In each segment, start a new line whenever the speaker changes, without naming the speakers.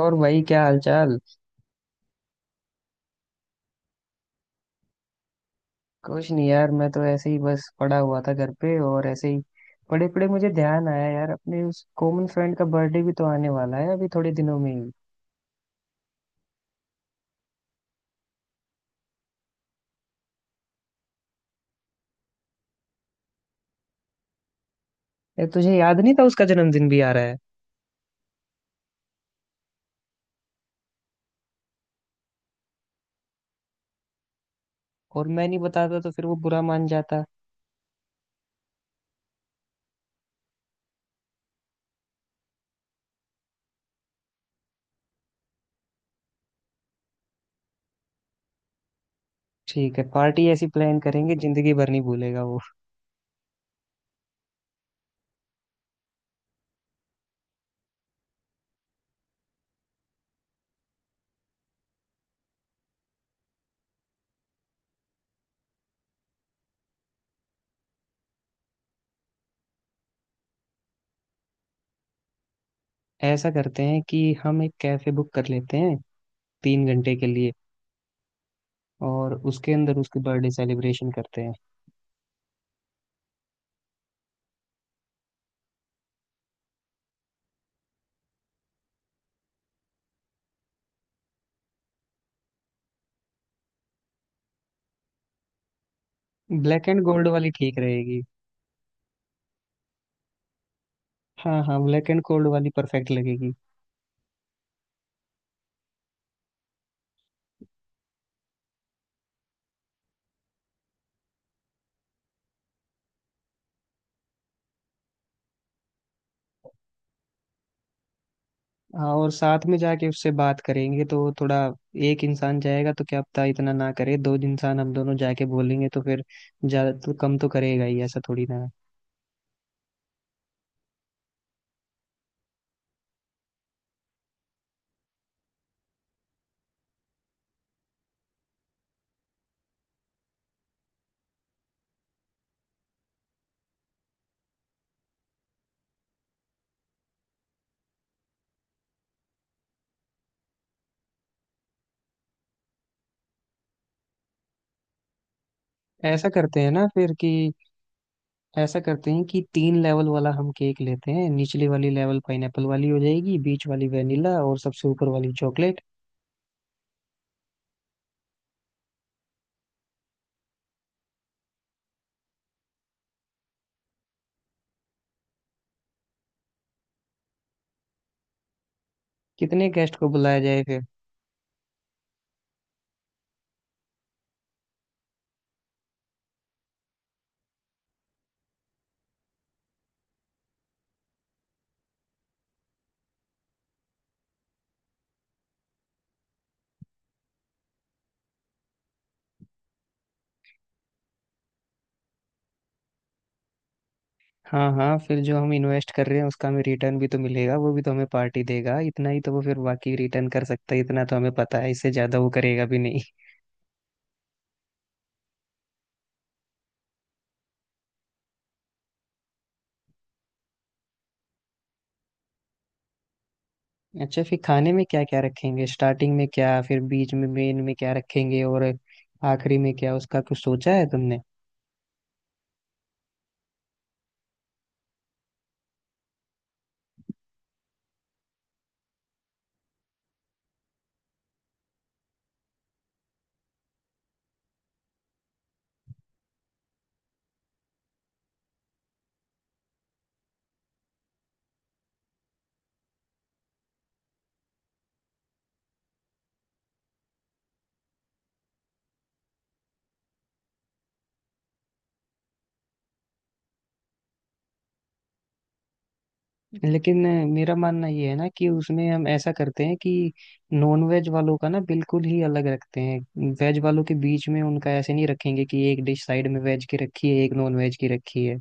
और भाई, क्या हालचाल। कुछ नहीं यार, मैं तो ऐसे ही बस पड़ा हुआ था घर पे, और ऐसे ही पड़े पड़े मुझे ध्यान आया यार, अपने उस कॉमन फ्रेंड का बर्थडे भी तो आने वाला है अभी थोड़े दिनों में ही। यार, तुझे याद नहीं था उसका जन्मदिन भी आ रहा है? और मैं नहीं बताता तो फिर वो बुरा मान जाता। ठीक है, पार्टी ऐसी प्लान करेंगे जिंदगी भर नहीं भूलेगा वो। ऐसा करते हैं कि हम एक कैफे बुक कर लेते हैं 3 घंटे के लिए, और उसके अंदर उसकी बर्थडे सेलिब्रेशन करते हैं। ब्लैक एंड गोल्ड वाली ठीक रहेगी। हाँ हाँ, ब्लैक एंड गोल्ड वाली परफेक्ट लगेगी। हाँ, और साथ में जाके उससे बात करेंगे तो थोड़ा, एक इंसान जाएगा तो क्या पता इतना ना करे, दो इंसान हम दोनों जाके बोलेंगे तो फिर ज्यादा तो कम तो करेगा ही, ऐसा थोड़ी ना है। ऐसा करते हैं कि तीन लेवल वाला हम केक लेते हैं, निचली वाली लेवल पाइनएप्पल वाली हो जाएगी, बीच वाली वेनिला, और सबसे ऊपर वाली चॉकलेट। कितने गेस्ट को बुलाया जाए फिर? हाँ हाँ, फिर जो हम इन्वेस्ट कर रहे हैं उसका हमें रिटर्न भी तो मिलेगा, वो भी तो हमें पार्टी देगा इतना ही, तो वो फिर बाकी रिटर्न कर सकता है इतना तो हमें पता है, इससे ज्यादा वो करेगा भी नहीं। अच्छा, फिर खाने में क्या क्या रखेंगे, स्टार्टिंग में क्या, फिर बीच में मेन में क्या रखेंगे, और आखिरी में क्या, उसका कुछ सोचा है तुमने? लेकिन मेरा मानना ये है ना, कि उसमें हम ऐसा करते हैं कि नॉन वेज वालों का ना बिल्कुल ही अलग रखते हैं, वेज वालों के बीच में उनका ऐसे नहीं रखेंगे कि एक डिश साइड में वेज की रखी है, एक नॉन वेज की रखी है।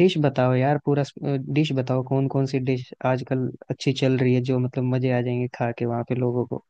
डिश बताओ यार पूरा, डिश बताओ कौन कौन सी डिश आजकल अच्छी चल रही है, जो मतलब मजे आ जाएंगे खा के वहां पे लोगों को।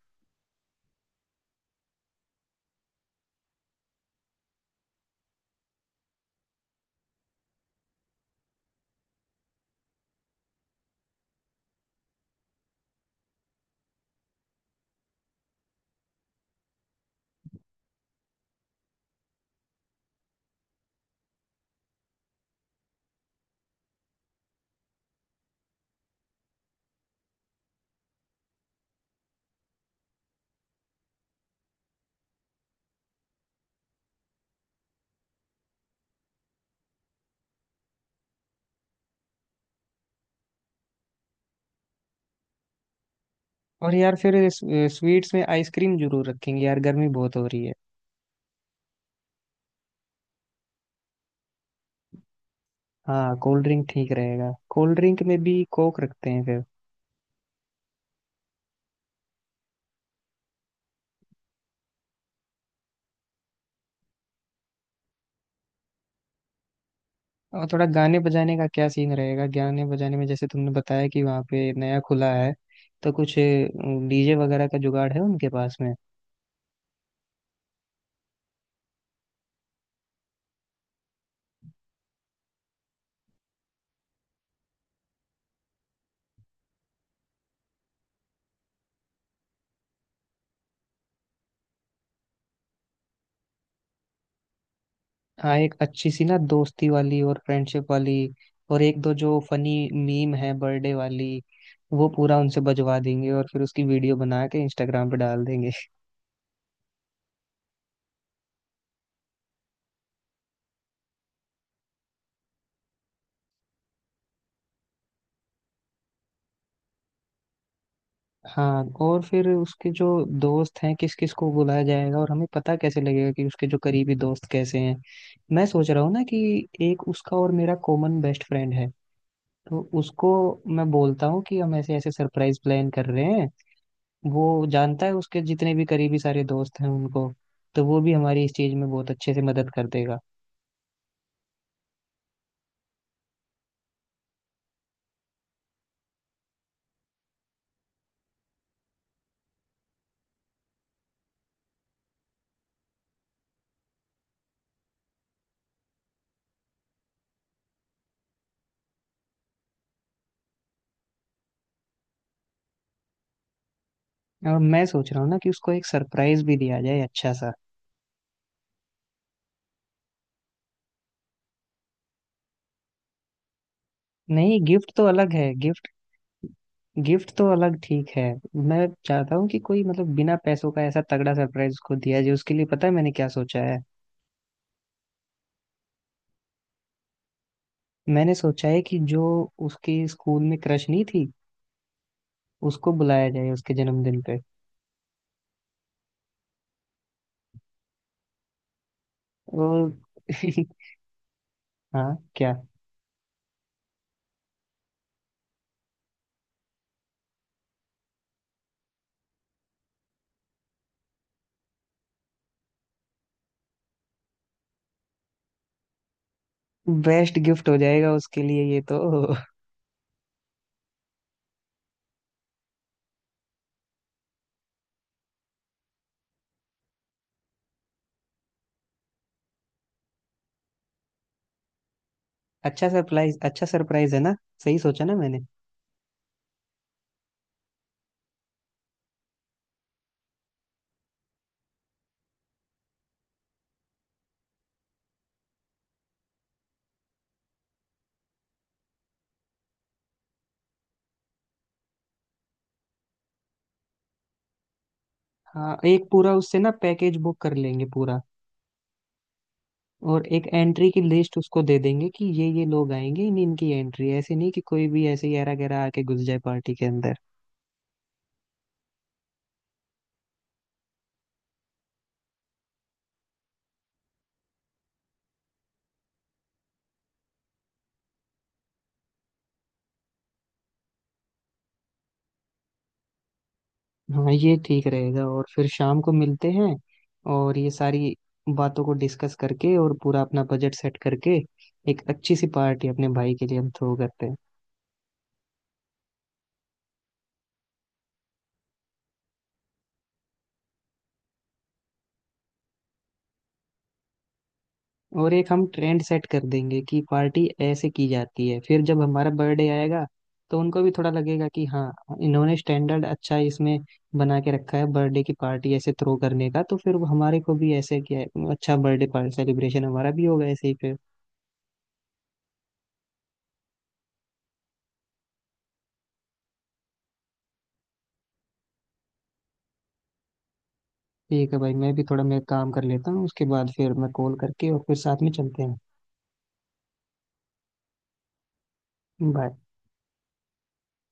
और यार, फिर स्वीट्स में आइसक्रीम जरूर रखेंगे यार, गर्मी बहुत हो रही है। हाँ, कोल्ड ड्रिंक ठीक रहेगा, कोल्ड ड्रिंक में भी कोक रखते हैं फिर। और थोड़ा गाने बजाने का क्या सीन रहेगा, गाने बजाने में? जैसे तुमने बताया कि वहाँ पे नया खुला है, तो कुछ डीजे वगैरह का जुगाड़ है उनके पास में? हाँ, एक अच्छी सी ना दोस्ती वाली और फ्रेंडशिप वाली, और एक दो जो फनी मीम है बर्थडे वाली, वो पूरा उनसे बजवा देंगे, और फिर उसकी वीडियो बना के इंस्टाग्राम पे डाल देंगे। हाँ, और फिर उसके जो दोस्त हैं किस किस को बुलाया जाएगा, और हमें पता कैसे लगेगा कि उसके जो करीबी दोस्त कैसे हैं? मैं सोच रहा हूँ ना कि एक उसका और मेरा कॉमन बेस्ट फ्रेंड है, तो उसको मैं बोलता हूँ कि हम ऐसे ऐसे सरप्राइज प्लान कर रहे हैं। वो जानता है उसके जितने भी करीबी सारे दोस्त हैं उनको, तो वो भी हमारी इस चीज में बहुत अच्छे से मदद कर देगा। और मैं सोच रहा हूँ ना कि उसको एक सरप्राइज भी दिया जाए, अच्छा सा। नहीं, गिफ्ट तो अलग है, गिफ्ट। गिफ्ट तो अलग, ठीक है। मैं चाहता हूँ कि कोई मतलब बिना पैसों का ऐसा तगड़ा सरप्राइज उसको दिया जाए, उसके लिए पता है मैंने क्या सोचा है? मैंने सोचा है कि जो उसके स्कूल में क्रश नहीं थी, उसको बुलाया जाए उसके जन्मदिन पे। और हाँ क्या। बेस्ट गिफ्ट हो जाएगा उसके लिए ये तो। अच्छा सरप्राइज, अच्छा सरप्राइज है ना, सही सोचा ना मैंने? हाँ, एक पूरा उससे ना पैकेज बुक कर लेंगे पूरा। और एक एंट्री की लिस्ट उसको दे देंगे कि ये लोग आएंगे, इन इनकी एंट्री, ऐसे नहीं कि कोई भी ऐसे यारा गैरा आके घुस जाए पार्टी के अंदर। हाँ ये ठीक रहेगा, और फिर शाम को मिलते हैं, और ये सारी बातों को डिस्कस करके और पूरा अपना बजट सेट करके एक अच्छी सी पार्टी अपने भाई के लिए हम थ्रो करते हैं। और एक हम ट्रेंड सेट कर देंगे कि पार्टी ऐसे की जाती है, फिर जब हमारा बर्थडे आएगा तो उनको भी थोड़ा लगेगा कि हाँ, इन्होंने स्टैंडर्ड अच्छा इसमें बना के रखा है बर्थडे की पार्टी ऐसे थ्रो करने का, तो फिर वो हमारे को भी ऐसे क्या, अच्छा बर्थडे पार्टी सेलिब्रेशन हमारा भी होगा ऐसे ही फिर। ठीक है भाई, मैं भी थोड़ा मेरा काम कर लेता हूँ, उसके बाद फिर मैं कॉल करके और फिर साथ में चलते हैं। बाय।